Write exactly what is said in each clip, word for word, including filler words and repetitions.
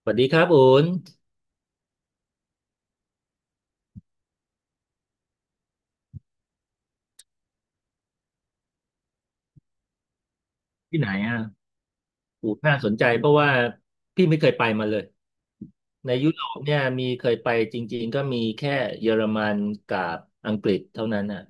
สวัสดีครับอูนที่ไหนอ่ะอูนน่าสนใจเพราะว่าพี่ไม่เคยไปมาเลยในยุโรปเนี่ยมีเคยไปจริงๆก็มีแค่เยอรมันกับอังกฤษเท่านั้นอ่ะ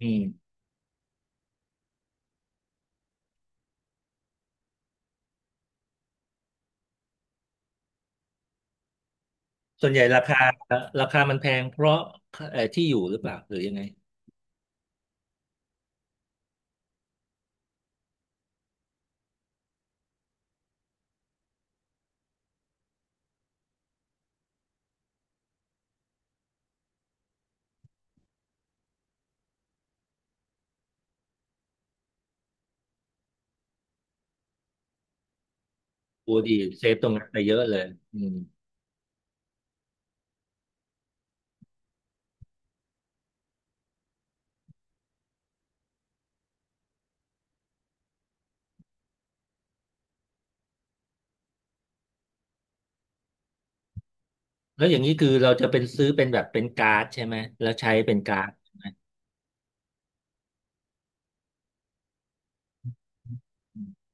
อืมส่วนใหญ่ราคาราคามันแพงเพราะเอ่อที่อยู่หรือเปล่าหรือยังไงโอ้ดีเซฟตรงนั้นไปเยอะเลยอืมแล้วอย่างนี้คือเราจะเป็นซื้อเป็นแบบเป็นการ์ดใช่ไหมแล้วใช้เป็นการ์ดอืม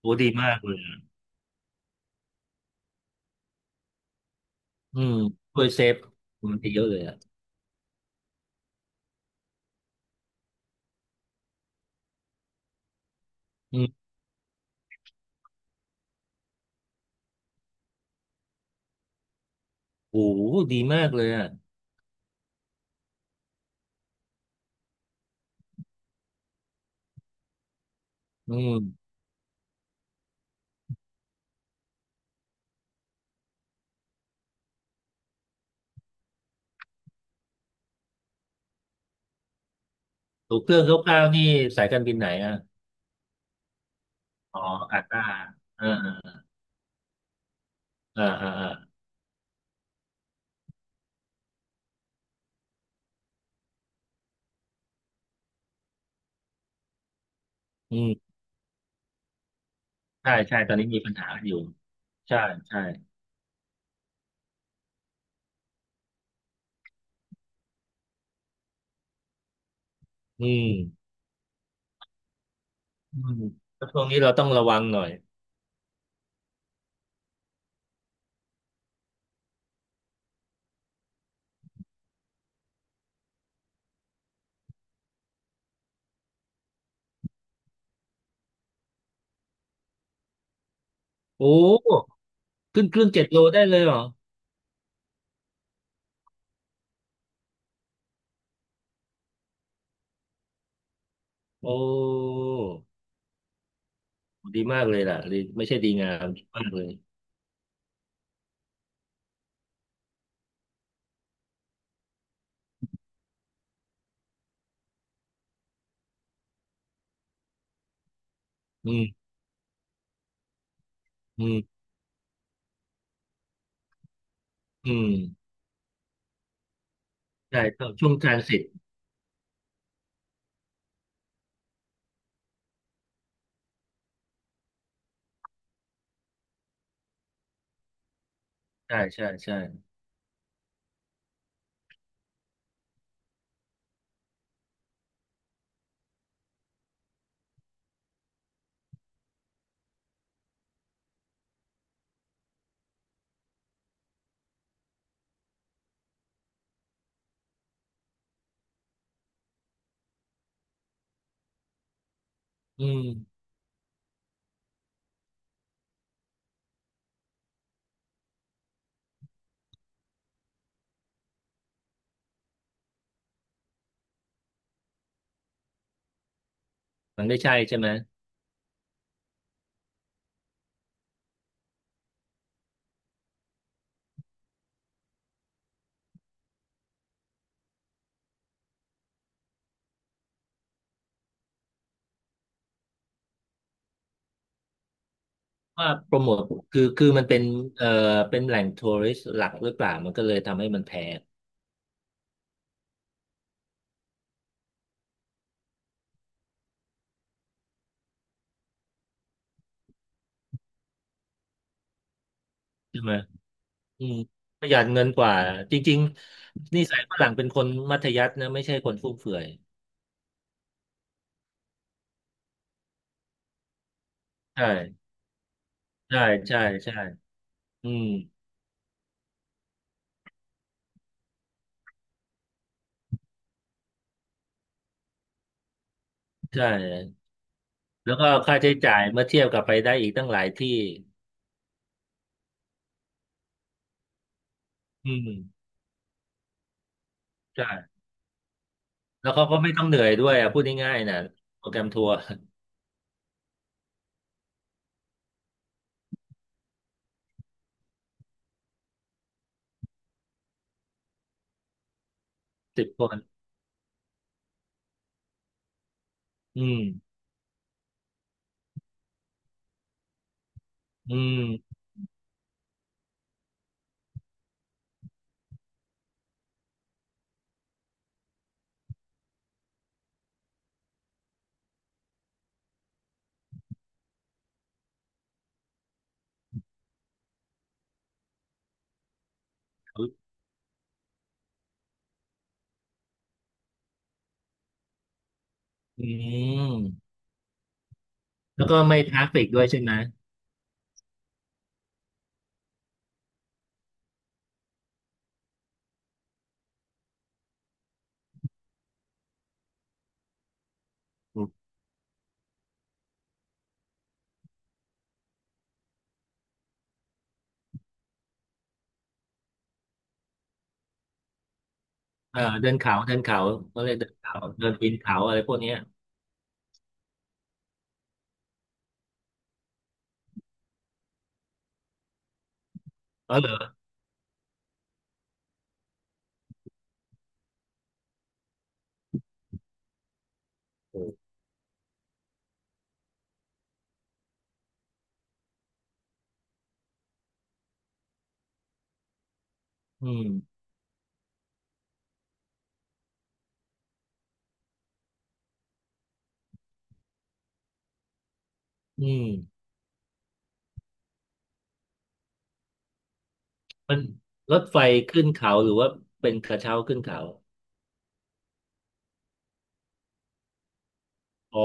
โอ้ดีมากเลยอะอืมช่วยเซฟมันไปเยอะเลยอ่ะอืมโอ้ดีมากเลยอ่ะอืม ถูกเครื่องคร่าวๆนี่สายการบินไหนอ่ะอ๋ออาต้าเออเออเออเออเอออืมใช่ใช่ตอนนี้มีปัญหาอยู่ใช่ใช่อืมอืมแล้วช่วงนี้เราต้องระวังหน่อยโอ้ขึ้นเครื่องเจ็ดโลได้เลยเหรอโอ้ดีมากเลยล่ะดีไม่ใช่ดีงามดีมากเลยอืมอืมอืมใช่ต้องช่วงทรานสิตใช่ใช่ใช่อืมมันไม่ใช่ใช่ไหม ว่าโปรโมทคือคือมันเป็นเอ่อเป็นแหล่งทัวริสต์หลักหรือเปล่ามันก็เลยทำให้มันแพงใช่ไหมอืมประหยัดเงินกว่าจริงๆนิสัยฝรั่งเป็นคนมัธยัสถ์นะไม่ใช่คนฟุ่มเฟือยใช่ใช่ใช่ใช่อืมใช่แล้วก็ค่าใช้จ่ายเมื่อเทียบกับไปได้อีกตั้งหลายที่อืมใช่แล้วเขาก็ไม่ต้องเหนื่อยด้วยอ่ะพูดง่ายๆนะโปรแกรมทัวร์ สิบคนอืมอืมอืมแล้วก็ไม่ทราฟิกด้วยใช่ไหม เออเดินเขาเดินเขาเขาเรียกเดินเขาเดินปีนเขาอะไรพวกเนี้ยอ๋อเหรอโอ้อืมอืมมันรถไฟขึ้นเขาหรือว่าเป็นกระเช้าขึ้นเขาอ๋อ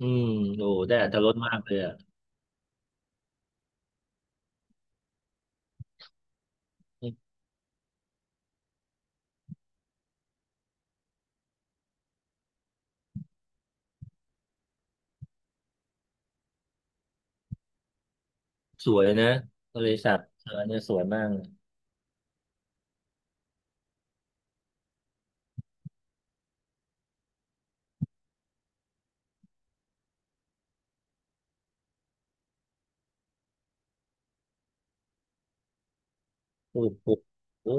อืมโอ้ได้อรรถรสมากเลยอ่ะสวยนะบะิษัทเออเนี่ยสวยมากเลยโอ้โหโอ้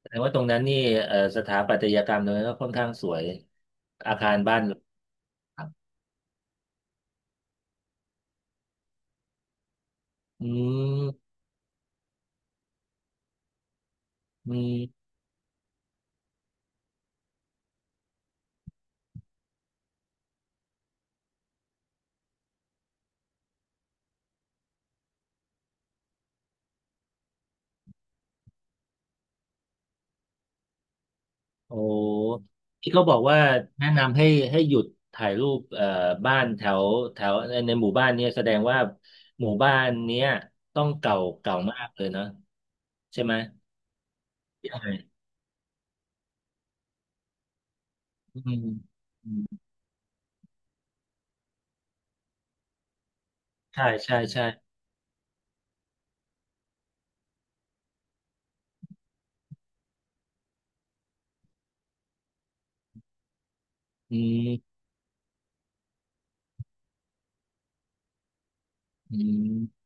แสดงว่าตรงนั้นนี่เอ่อสถาปัตยกรรมตรงนั้นก็ค่อนข้างสวยอาคารบ้านอืมอืม โอ้พี่ก็บอกว่าแนะนำให้ให้หยุดถ่ายรูปเอ่อบ้านแถวแถวในในหมู่บ้านเนี่ยแสดงว่าหมู่บ้านเนี้ยต้องเก่าเก่ามากเลยเนาะใช่ไหมใช่อืมอืมใช่ใช่ใช่อืมอืม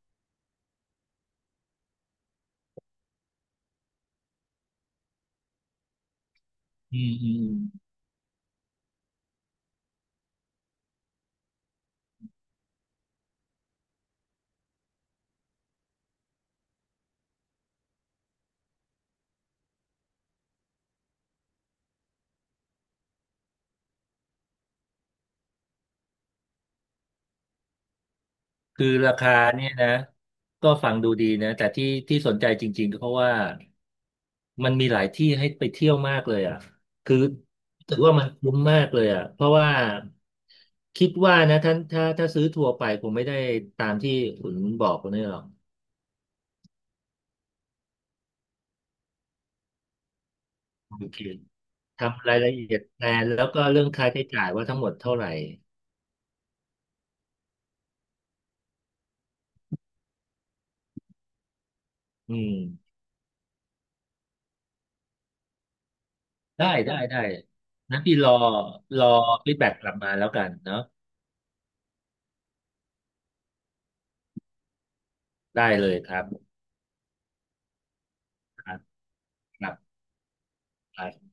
อืมอืม คือราคาเนี่ยนะก็ฟังดูดีนะแต่ที่ที่สนใจจริงๆก็เพราะว่ามันมีหลายที่ให้ไปเที่ยวมากเลยอ่ะคือรู้สึกว่ามันคุ้มมากเลยอ่ะเพราะว่าคิดว่านะท่านถ้าถ้าซื้อทัวร์ไปคงไม่ได้ตามที่คุณบอกคนนี้หรอกโอเคทำรายละเอียดแพลนแล้วก็เรื่องค่าใช้จ่ายว่าทั้งหมดเท่าไหร่อืมได้ได้ได้นั้นพี่รอรอฟีดแบ็กกลับมาแล้วกันเนาะได้เลยครับครับครับ